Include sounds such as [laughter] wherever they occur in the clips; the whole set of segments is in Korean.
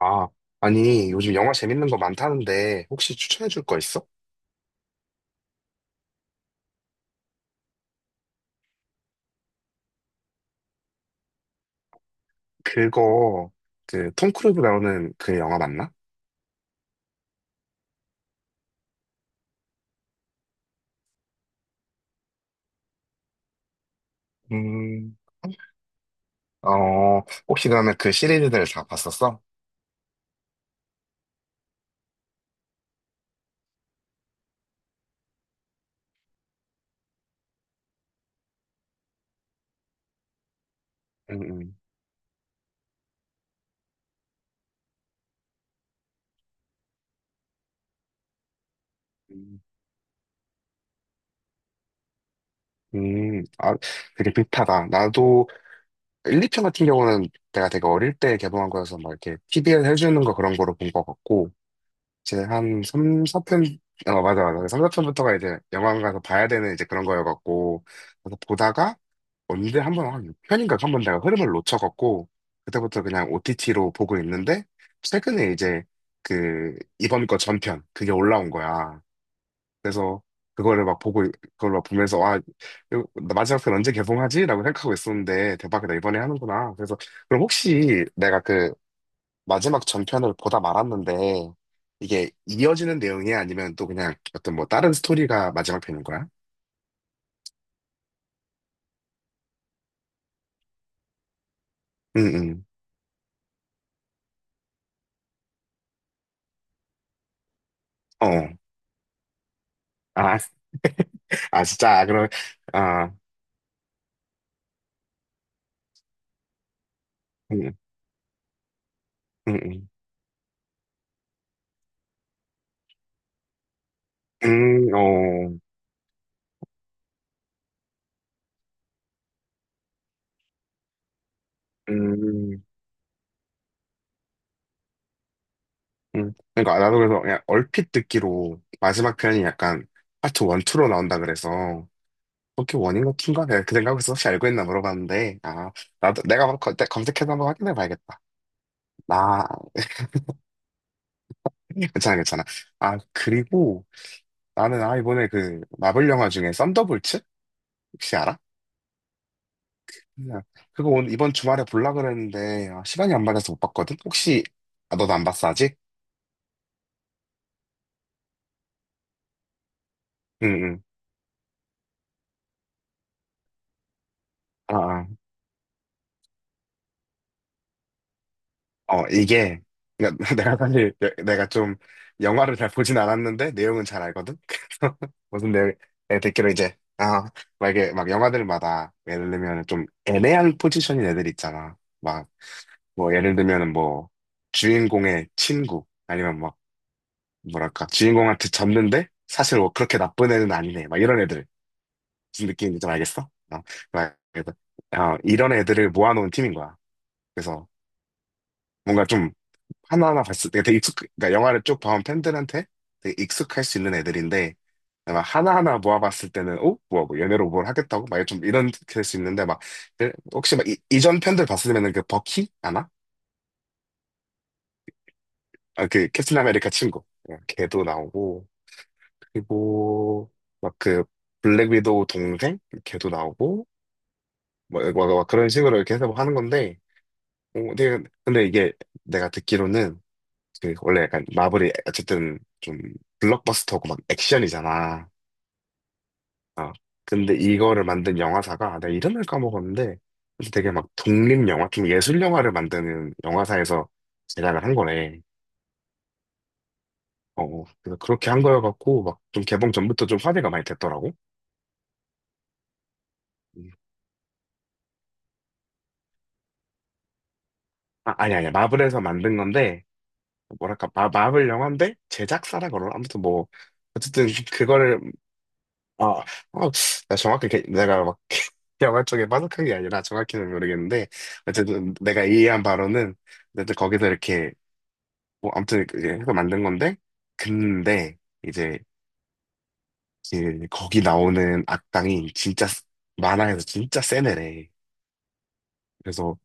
아, 아니, 요즘 영화 재밌는 거 많다는데, 혹시 추천해 줄 거 있어? 그거, 톰 크루즈 나오는 그 영화 맞나? 음, 어, 혹시 그러면 그 시리즈들 다 봤었어? 응, 응. 음, 음. 음, 아, 되게 비슷하다. 나도 1, 2편 같은 경우는 내가 되게 어릴 때 개봉한 거여서 막 이렇게 TV에서 해주는 거 그런 거로 본 거 같고, 이제 한 맞아, 맞아. 3, 4편부터가 이제 영화관 가서 봐야 되는 이제 그런 거여갖고, 그래서 보다가 언제 한 번, 한 6편인가 한 번 내가 흐름을 놓쳐갖고, 그때부터 그냥 OTT로 보고 있는데, 최근에 이번 거 전편, 그게 올라온 거야. 그래서 그거를 막 그걸 막 보면서, 와, 이거 마지막 편 언제 개봉하지? 라고 생각하고 있었는데, 대박이다, 이번에 하는구나. 그럼 혹시 마지막 전편을 보다 말았는데 이게 이어지는 내용이 야 아니면 또 그냥 어떤 뭐 다른 스토리가 마지막 편인 거야? 응응. 어. 아, 아 진짜 아, 그럼 아 응응. 응, 응. 어. 음. 음. 그러니까 나도 그래서 그냥 얼핏 듣기로 마지막 편이 약간 파트 1, 2로 나온다 그래서 그렇게 원인가 투인가 내가 그 생각에서 혹시 알고 있나 물어봤는데 아 나도 내가 검색해서 한번 확인해 봐야겠다. 나 [laughs] 괜찮아, 괜찮아. 아 그리고 나는 이번에 그 마블 영화 중에 썬더볼츠 혹시 알아? 그냥 그거 오늘 이번 주말에 볼라 그랬는데 아, 시간이 안 맞아서 못 봤거든. 혹시 아, 너도 안 봤어 아직? 응응. 아, 아. 어 이게 그러니까 [laughs] 내가 좀 영화를 잘 보진 않았는데 내용은 잘 알거든. [laughs] 그래서 무슨 내용? 내가 듣기로 이제 아 막 이게 막 영화들마다 예를 들면 좀 애매한 포지션인 애들 있잖아. 예를 들면은 뭐 주인공의 친구 아니면 막 뭐랄까, 주인공한테 졌는데, 사실 뭐 그렇게 나쁜 애는 아니네. 막 이런 애들. 무슨 느낌인지 좀 알겠어? 어, 막 이런- 이런 애들을 모아놓은 팀인 거야. 그래서 뭔가 좀 하나하나 봤을 때 그러니까 영화를 쭉 봐온 팬들한테 되게 익숙할 수 있는 애들인데, 막 하나하나 모아봤을 때는, 어? 뭐야, 뭐, 얘네로 뭘 하겠다고? 막 좀 이런 될 수 있는데, 혹시 막 이전 팬들 봤으면은 그 버키? 아나? 아, 그 캡틴 아메리카 친구. 어, 걔도 나오고, 그리고 막 그 블랙 위도우 동생 걔도 나오고 그런 식으로 이렇게 해서 뭐 하는 건데 근데, 근데 이게 내가 듣기로는 그 원래 약간 마블이 어쨌든 좀 블록버스터고 막 액션이잖아. 어. 근데 이거를 만든 영화사가 내가 이름을 까먹었는데 그래서 되게 막 독립 영화 좀 예술 영화를 만드는 영화사에서 제작을 한 거래. 그래서 그렇게 한 거여갖고 막 좀 개봉 전부터 좀 화제가 많이 됐더라고. 음. 아, 아니, 마블에서 만든 건데, 뭐랄까 마블 영화인데 제작사라 그러나 아무튼 뭐 어쨌든 그거를 아, 어, 나 내가 막 영화 쪽에 빠삭한 게 아니라 정확히는 모르겠는데 어쨌든 내가 이해한 바로는 어쨌든 거기서 이렇게 뭐 아무튼 이제 해서 만든 건데 근데 이제 거기 나오는 악당이 만화에서 진짜 센 애래. 그래서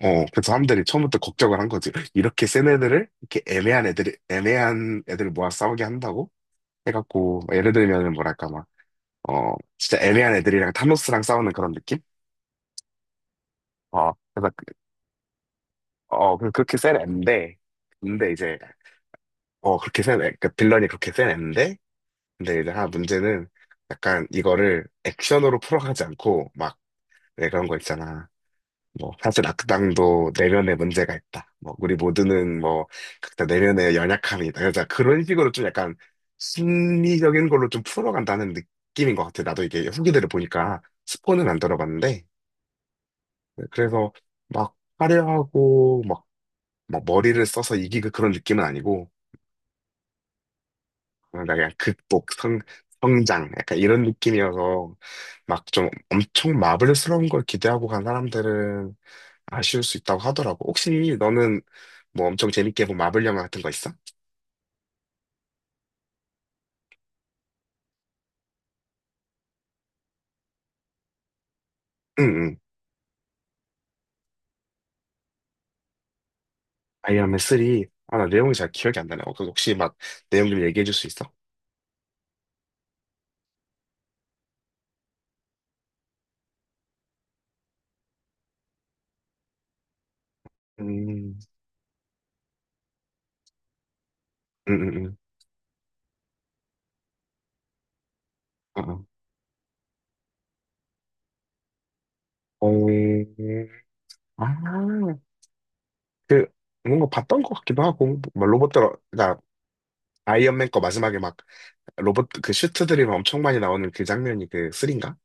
그래서 사람들이 처음부터 걱정을 한 거지. 이렇게 센 애들을 이렇게 애매한 애들을 모아 싸우게 한다고 해갖고 막 예를 들면은 뭐랄까 막 어 진짜 애매한 애들이랑 타노스랑 싸우는 그런 느낌? 어 그래서 그- 어 그- 그렇게 센 앤데 근데 이제 그렇게 센 그 빌런이 그렇게 센 앤데 근데 이제 하나 문제는 약간 이거를 액션으로 풀어가지 않고 막 왜 그런 거 있잖아. 뭐 사실 악당도 내면에 문제가 있다. 뭐 우리 모두는 뭐 각자 내면에 연약함이 있다. 그래서 그런 식으로 좀 약간 심리적인 걸로 좀 풀어간다는 느낌인 것 같아. 나도 이게 후기들을 보니까 스포는 안 들어봤는데 네, 그래서 막 화려하고, 막 막 머리를 써서 이기고 그런 느낌은 아니고 그냥 성장 약간 이런 느낌이어서 막 좀 엄청 마블스러운 걸 기대하고 간 사람들은 아쉬울 수 있다고 하더라고. 혹시 너는 뭐 엄청 재밌게 본 마블 영화 같은 거 있어? 응, 응. 아이언맨 3. 아, 나 내용이 잘 기억이 안 나네. 그 혹시 막 내용 좀 얘기해 줄 수 있어? 음, 응, 응, 응. 어, 어. 아, 그, 뭔가 봤던 것 같기도 하고, 막 로봇들, 나 아이언맨 거 마지막에 막 로봇, 그 슈트들이 막 엄청 많이 나오는 그 장면이 그 3인가?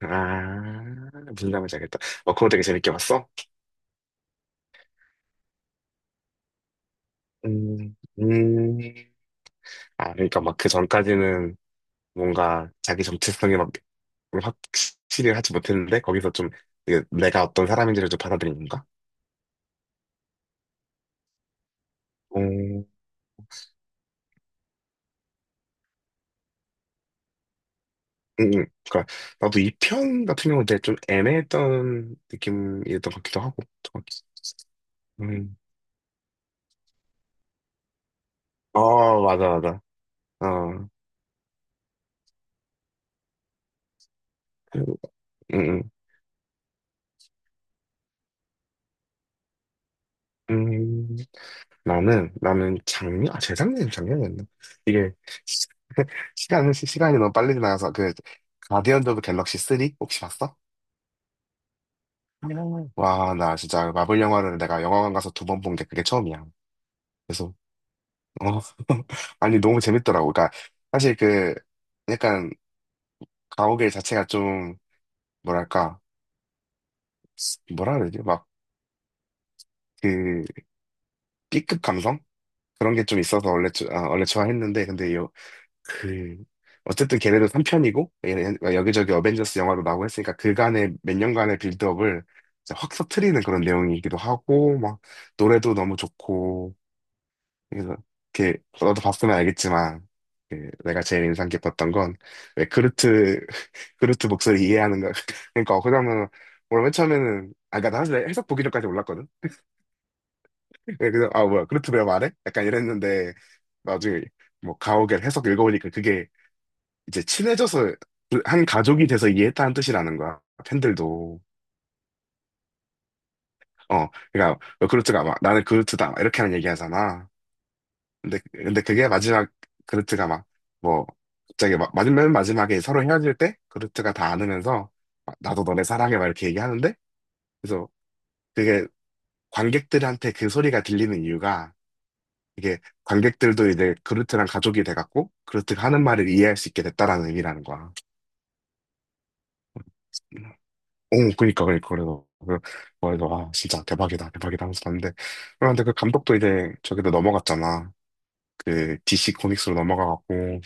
아, 무슨 장면인지 알겠다. 어, 그거 되게 재밌게 봤어? 음, 음. 아, 그러니까 막 그 전까지는 뭔가 자기 정체성이 막 확실히 하지 못했는데 거기서 좀 이게 내가 어떤 사람인지를 좀 받아들인 건가? 음, 그러니까 나도 이 편 같은 경우는 되게 좀 애매했던 느낌이었던 것 같기도 하고. 음. 어, 맞아, 맞아. 어, 음, 음. 음, 나는 작년, 아, 재작년, 작년이었나? 이게, 시- 시간이 너무 빨리 지나가서, 그, 가디언즈 오브 갤럭시 3? 혹시 봤어? 음. 와, 나 진짜 마블 영화를 내가 영화관 가서 두 번 본 게 그게 처음이야. 그래서, 어, [laughs] 아니, 너무 재밌더라고. 사실 약간, 가오갤 자체가 좀, 뭐랄까, 뭐라 그래야 되지? 그, B급 감성? 그런 게 좀 있어서 원래, 원래 좋아했는데, 그, 어쨌든 걔네도 3편이고, 여기저기 어벤져스 영화도 나오고 했으니까, 그간의 몇 년간의 빌드업을 진짜 확 터트리는 그런 내용이기도 하고, 막, 노래도 너무 좋고, 그래서 이렇게 너도 봤으면 알겠지만 그 내가 제일 인상 깊었던 건 왜 그루트그루트 [laughs] 목소리 이해하는가 [laughs] 그러니까 그 장면은 원래 맨 처음에는 아 그러니까 나 사실 해석 보기 전까지 몰랐거든. 예, 그래서 아 뭐야 그루트 왜 말해? 약간 이랬는데 나중에 뭐 가오갤 해석 읽어보니까 그게 이제 친해져서 그한 가족이 돼서 이해했다는 뜻이라는 거야. 팬들도 어 그러니까 왜루트가 막 나는 그루트다 이렇게 하는 얘기 하잖아. 근데 그게 마지막, 그루트가 막, 뭐, 갑자기 맨 마지막에 서로 헤어질 때, 그루트가 다 안으면서, 막 나도 너네 사랑해, 막 이렇게 얘기하는데, 그래서 그게 관객들한테 그 소리가 들리는 이유가, 이게 관객들도 이제 그루트랑 가족이 돼갖고, 그루트가 하는 말을 이해할 수 있게 됐다라는 의미라는 거야. 오, 그니까, 그래서, 아, 진짜 대박이다, 대박이다 하면서 봤는데, 그런데 그 감독도 이제 저기로 넘어갔잖아. 그 DC 코믹스로 넘어가갖고,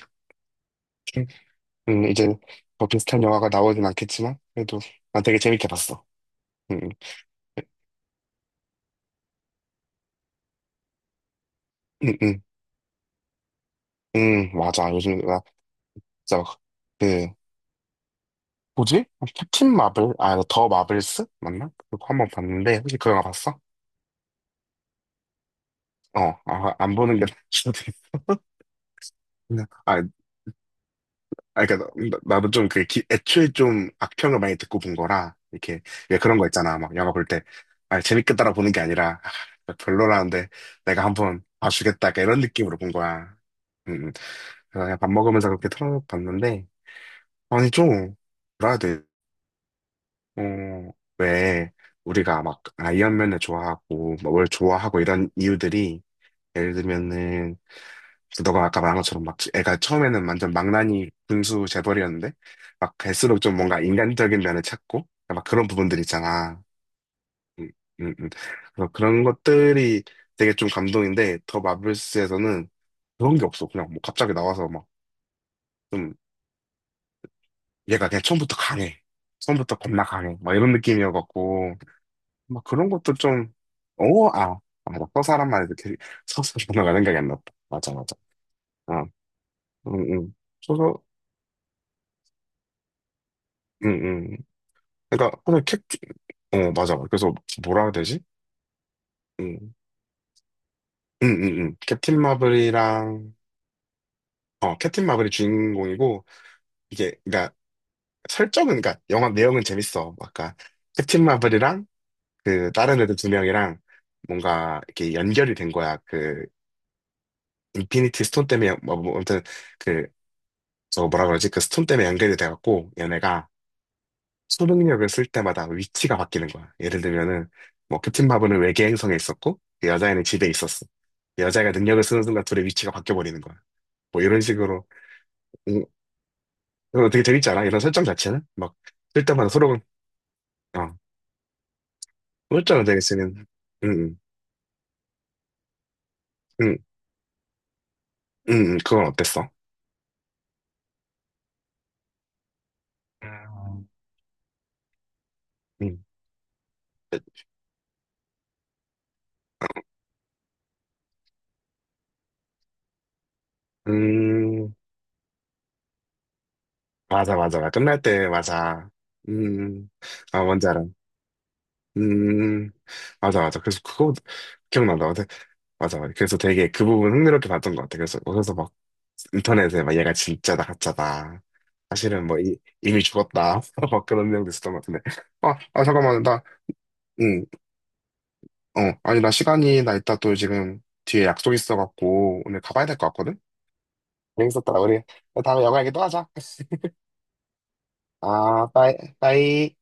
이제 뭐 비슷한 영화가 나오진 않겠지만, 그래도 난 되게 재밌게 봤어. 음, 음, 음, 음, 맞아. 요즘, 나 진짜 막, 그, 뭐지? 캡틴 마블? 아, 더 마블스? 맞나? 그거 한번 봤는데, 혹시 그 영화 봤어? 어, 아, 안 보는 게 나을 수도 겠구나. 그니까, 나도 좀 그, 애초에 좀 악평을 많이 듣고 본 거라, 이렇게, 왜 그런 거 있잖아. 막 영화 볼 때, 아, 재밌겠다라 보는 게 아니라, 아, 별로라는데, 내가 한번 봐주겠다. 약간 이런 느낌으로 본 거야. 음, 음. 그래서 그냥 밥 먹으면서 그렇게 틀어봤는데, 아니, 좀, 뭐라 해야 돼? 어, 왜, 우리가 막, 아이언맨을 좋아하고, 막 뭘 좋아하고, 이런 이유들이, 예를 들면은, 너가 아까 말한 것처럼 막, 애가 처음에는 완전 망나니 군수 재벌이었는데, 막, 갈수록 좀 뭔가 인간적인 면을 찾고, 막 그런 부분들 있잖아. 음, 음, 음. 그래서 그런 것들이 되게 좀 감동인데, 더 마블스에서는 그런 게 없어. 그냥 뭐, 갑자기 나와서 막, 좀 얘가 그냥 처음부터 강해. 처음부터 겁나 강해. 막 이런 느낌이어갖고, 막 그런 것도 좀, 오, 아, 맞아. 서사란 말이 도렇게 서사 번호가 생각이 안 났다. 맞아, 맞아. 아, 응, 응. 서서, 응, 응. 그러니까, 어, 맞아. 그래서 뭐라 해야 되지? 응, 응, 응, 응. 캡틴 마블이랑, 어, 캡틴 마블이 주인공이고, 이게, 그러니까, 설정은, 그러니까, 영화 내용은 재밌어. 아까, 캡틴 마블이랑, 그, 다른 애들 두 명이랑, 뭔가, 이렇게 연결이 된 거야. 그, 인피니티 스톤 때문에 연- 뭐 뭐, 아무튼 그 저 뭐라 그러지 그 스톤 때문에 연결이 돼갖고 얘네가 초능력을 쓸 때마다 위치가 바뀌는 거야. 예를 들면은 뭐 캡틴 마블은 외계 행성에 있었고 그 여자애는 집에 있었어. 그 여자애가 능력을 쓰는 순간 둘의 위치가 바뀌어 버리는 거야. 뭐 이런 식으로 음, 이거 되게 재밌지 않아? 이런 설정 자체는 막 쓸 때마다 서로 어 설정을 되게 쓰는 응응응응 음, 그건 어땠어? 음, 음, 음, 맞아, 맞아. 맞아. 끝날 때, 맞아. 음, 아, 뭔지 알아. 음, 맞아, 맞아. 그래서 그거 기억난다. 근데 맞아, 맞아. 그래서 되게 그 부분 흥미롭게 봤던 것 같아. 그래서 막 인터넷에 막 얘가 진짜다, 가짜다. 사실은 이미 죽었다. [laughs] 막 그런 내용도 있었던 것 같은데. 잠깐만. 나, 응, 어. 아니, 나 이따 또 지금 뒤에 약속 있어갖고 오늘 가봐야 될 것 같거든? 재밌었다. 우리 다음에 영화 얘기 또 하자. 아, 빠이, 빠이.